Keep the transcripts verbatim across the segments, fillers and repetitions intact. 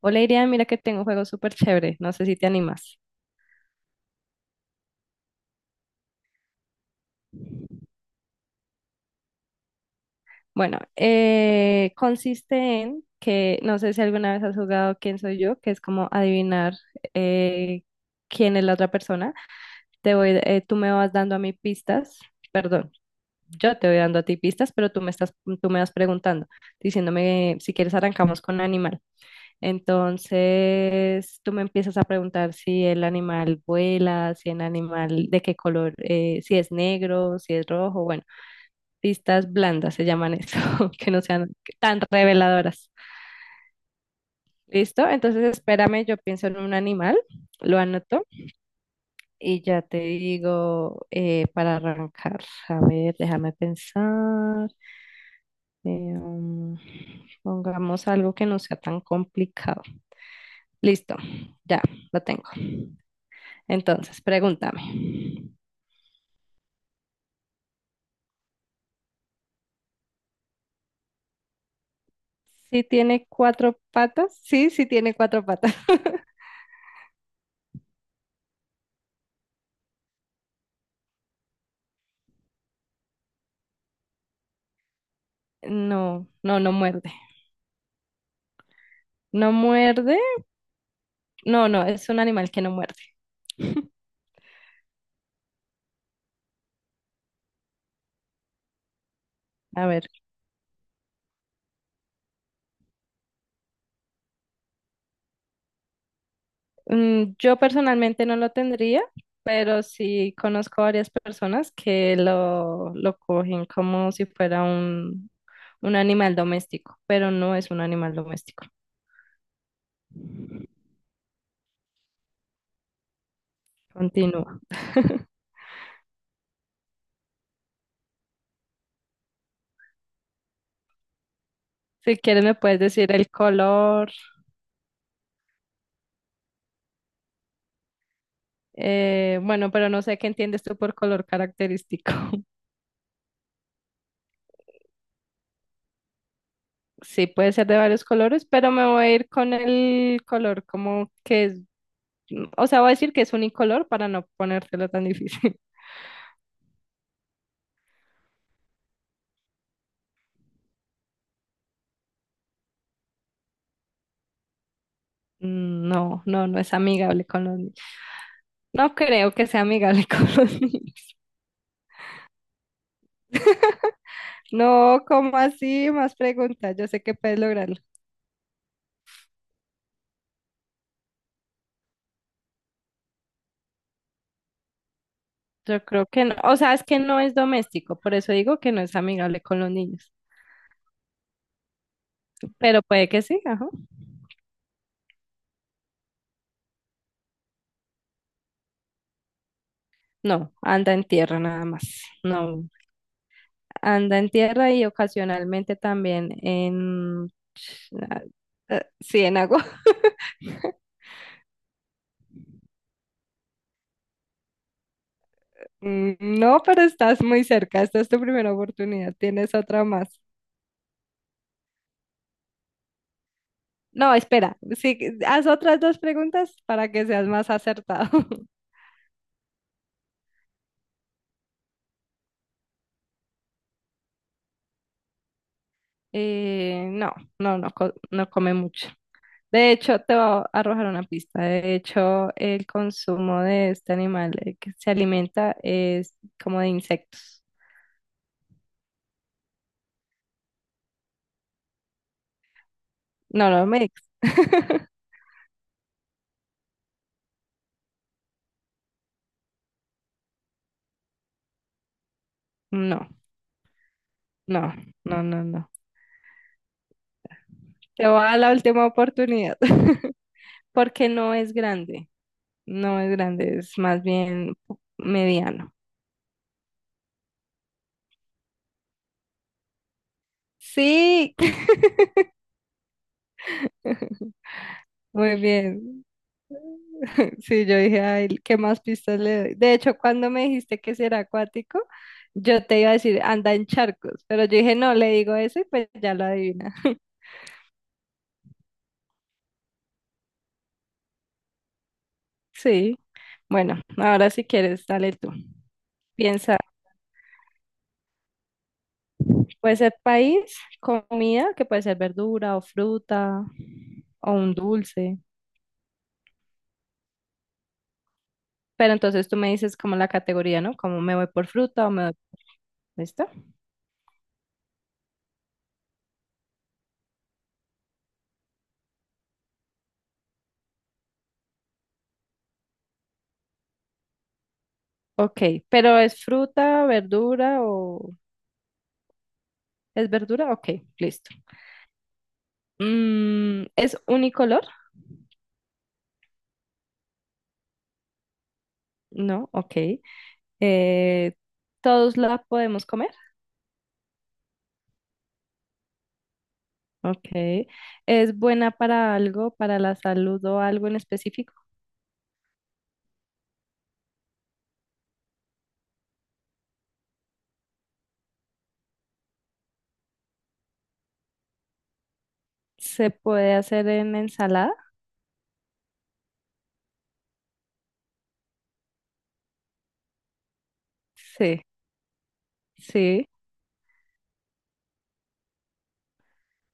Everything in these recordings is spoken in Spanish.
Hola Irian, mira que tengo un juego súper chévere, no sé si te animas. Bueno, eh, consiste en que, no sé si alguna vez has jugado Quién soy yo, que es como adivinar eh, quién es la otra persona. Te voy, eh, tú me vas dando a mí pistas, perdón, yo te voy dando a ti pistas, pero tú me estás, tú me vas preguntando, diciéndome si quieres arrancamos con animal. Entonces, tú me empiezas a preguntar si el animal vuela, si el animal de qué color, eh, si es negro, si es rojo, bueno. Listas blandas se llaman eso, que no sean tan reveladoras. ¿Listo? Entonces espérame, yo pienso en un animal, lo anoto y ya te digo eh, para arrancar. A ver, déjame pensar. Eh, um, pongamos algo que no sea tan complicado. Listo, ya lo tengo. Entonces, pregúntame. ¿Sí tiene cuatro patas? Sí, sí tiene cuatro patas. No, no, no muerde. No muerde. No, no, es un animal que no muerde. A ver, mm, yo personalmente no lo tendría, pero sí conozco varias personas que lo, lo cogen como si fuera un, un animal doméstico, pero no es un animal doméstico. Continúa. Si quieres me puedes decir el color, eh, bueno, pero no sé qué entiendes tú por color característico. Sí, puede ser de varios colores, pero me voy a ir con el color como que es. O sea, voy a decir que es unicolor para no ponértelo tan difícil. No, no, no es amigable con los niños. No creo que sea amigable con los niños. No, ¿cómo así? Más preguntas. Yo sé que puedes lograrlo. Yo creo que no. O sea, es que no es doméstico. Por eso digo que no es amigable con los niños. Pero puede que sí, ajá. No, anda en tierra nada más. No, anda en tierra y ocasionalmente también en... Sí, en agua. Mm, no, pero estás muy cerca. Esta es tu primera oportunidad. Tienes otra más. No, espera. Sí, haz otras dos preguntas para que seas más acertado. Eh, no, no, no, co- no come mucho. De hecho, te voy a arrojar una pista. De hecho, el consumo de este animal eh, que se alimenta es como de insectos. No, no me... ex. No, no, no, no, no. Te voy a dar la última oportunidad porque no es grande. No es grande, es más bien mediano. Sí, muy bien. Sí, yo dije, ay, ¿qué más pistas le doy? De hecho, cuando me dijiste que si era acuático, yo te iba a decir, anda en charcos, pero yo dije, no, le digo eso y pues ya lo adivina. Sí, bueno, ahora si quieres, dale tú. Piensa, puede ser país, comida, que puede ser verdura o fruta o un dulce, pero entonces tú me dices como la categoría, ¿no? Como me voy por fruta o me voy, ¿listo? Ok, pero ¿es fruta, verdura o... ¿Es verdura? Ok, listo. Mm, ¿es unicolor? No, ok. Eh, ¿todos la podemos comer? Ok. ¿Es buena para algo, para la salud o algo en específico? ¿Se puede hacer en ensalada? Sí, sí.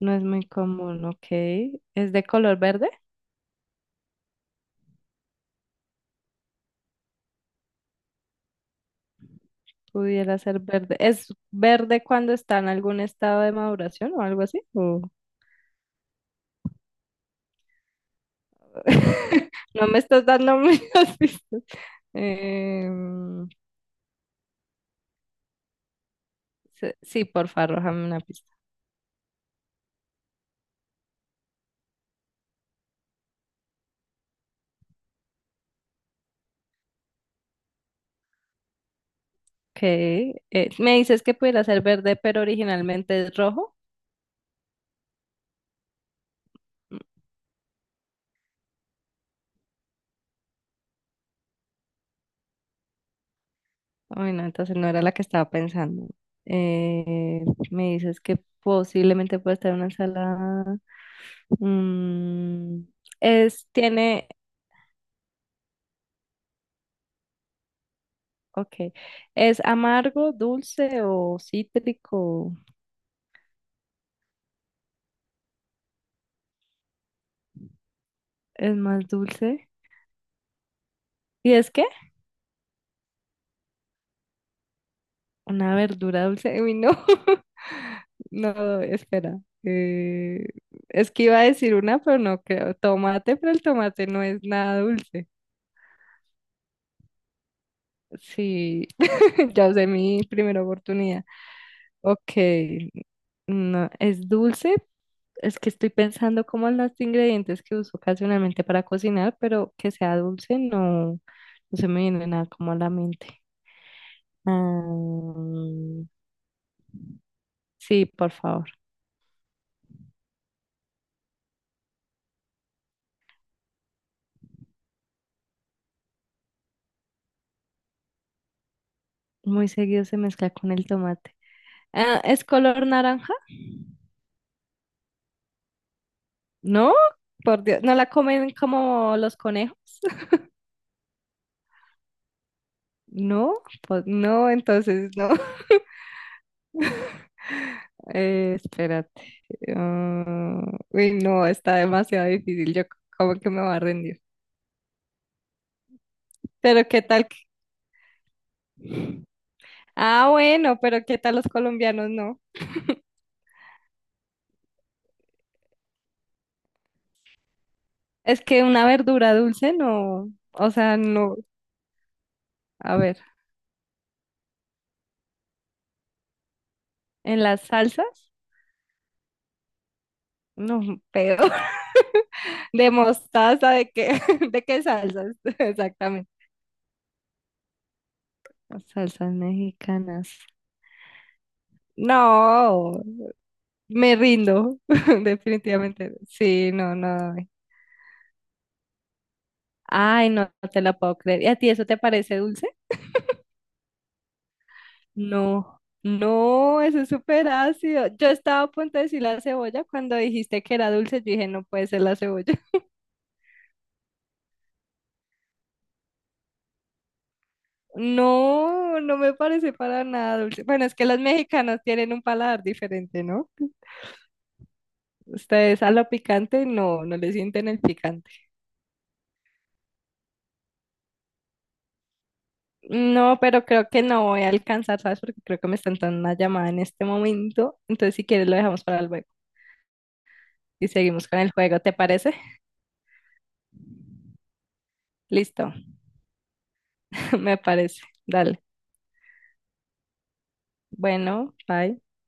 No es muy común, ok. ¿Es de color verde? Pudiera ser verde. ¿Es verde cuando está en algún estado de maduración o algo así? ¿O- no me estás dando muchas pistas. Em, se- sí, porfa, arrójame una pista. Okay. Eh, me dices que pudiera ser verde, pero originalmente es rojo. Bueno, entonces no era la que estaba pensando. Eh, me dices que posiblemente puede estar en una ensalada. Mm, es, tiene. Ok. ¿Es amargo, dulce o cítrico? ¿Es más dulce? ¿Y es qué? ¿Una verdura dulce? Uy, no. No, espera. Eh, es que iba a decir una, pero no creo. Tomate, pero el tomate no es nada dulce. Sí, ya usé mi primera oportunidad. Ok. No, es dulce. Es que estoy pensando como en los ingredientes que uso ocasionalmente para cocinar, pero que sea dulce no, no se me viene nada como a la mente. Ah, sí, por favor. Muy seguido se mezcla con el tomate. Ah, ¿es color naranja? No, por Dios. ¿No la comen como los conejos? No, pues no, entonces no. Eh, espérate. Ah, uy, no, está demasiado difícil. Yo como que me va a rendir. Pero ¿qué tal? Ah, bueno, pero ¿qué tal los colombianos? No. Es que una verdura dulce no, o sea, no. A ver, en las salsas, no, peor. De mostaza, ¿de qué? ¿De qué salsas? Exactamente. Las Salsas mexicanas. No, me rindo, definitivamente. Sí, no, no. Ay, no, no te la puedo creer. ¿Y a ti eso te parece dulce? No, no, eso es súper ácido. Yo estaba a punto de decir la cebolla cuando dijiste que era dulce. Yo dije, no puede ser la cebolla. No, no me parece para nada dulce. Bueno, es que los mexicanos tienen un paladar diferente, ¿no? Ustedes a lo picante no, no le sienten el picante. No, pero creo que no voy a alcanzar, ¿sabes? Porque creo que me están dando una llamada en este momento. Entonces, si quieres, lo dejamos para luego y seguimos con el juego, ¿te parece? Listo, me parece. Dale. Bueno, bye.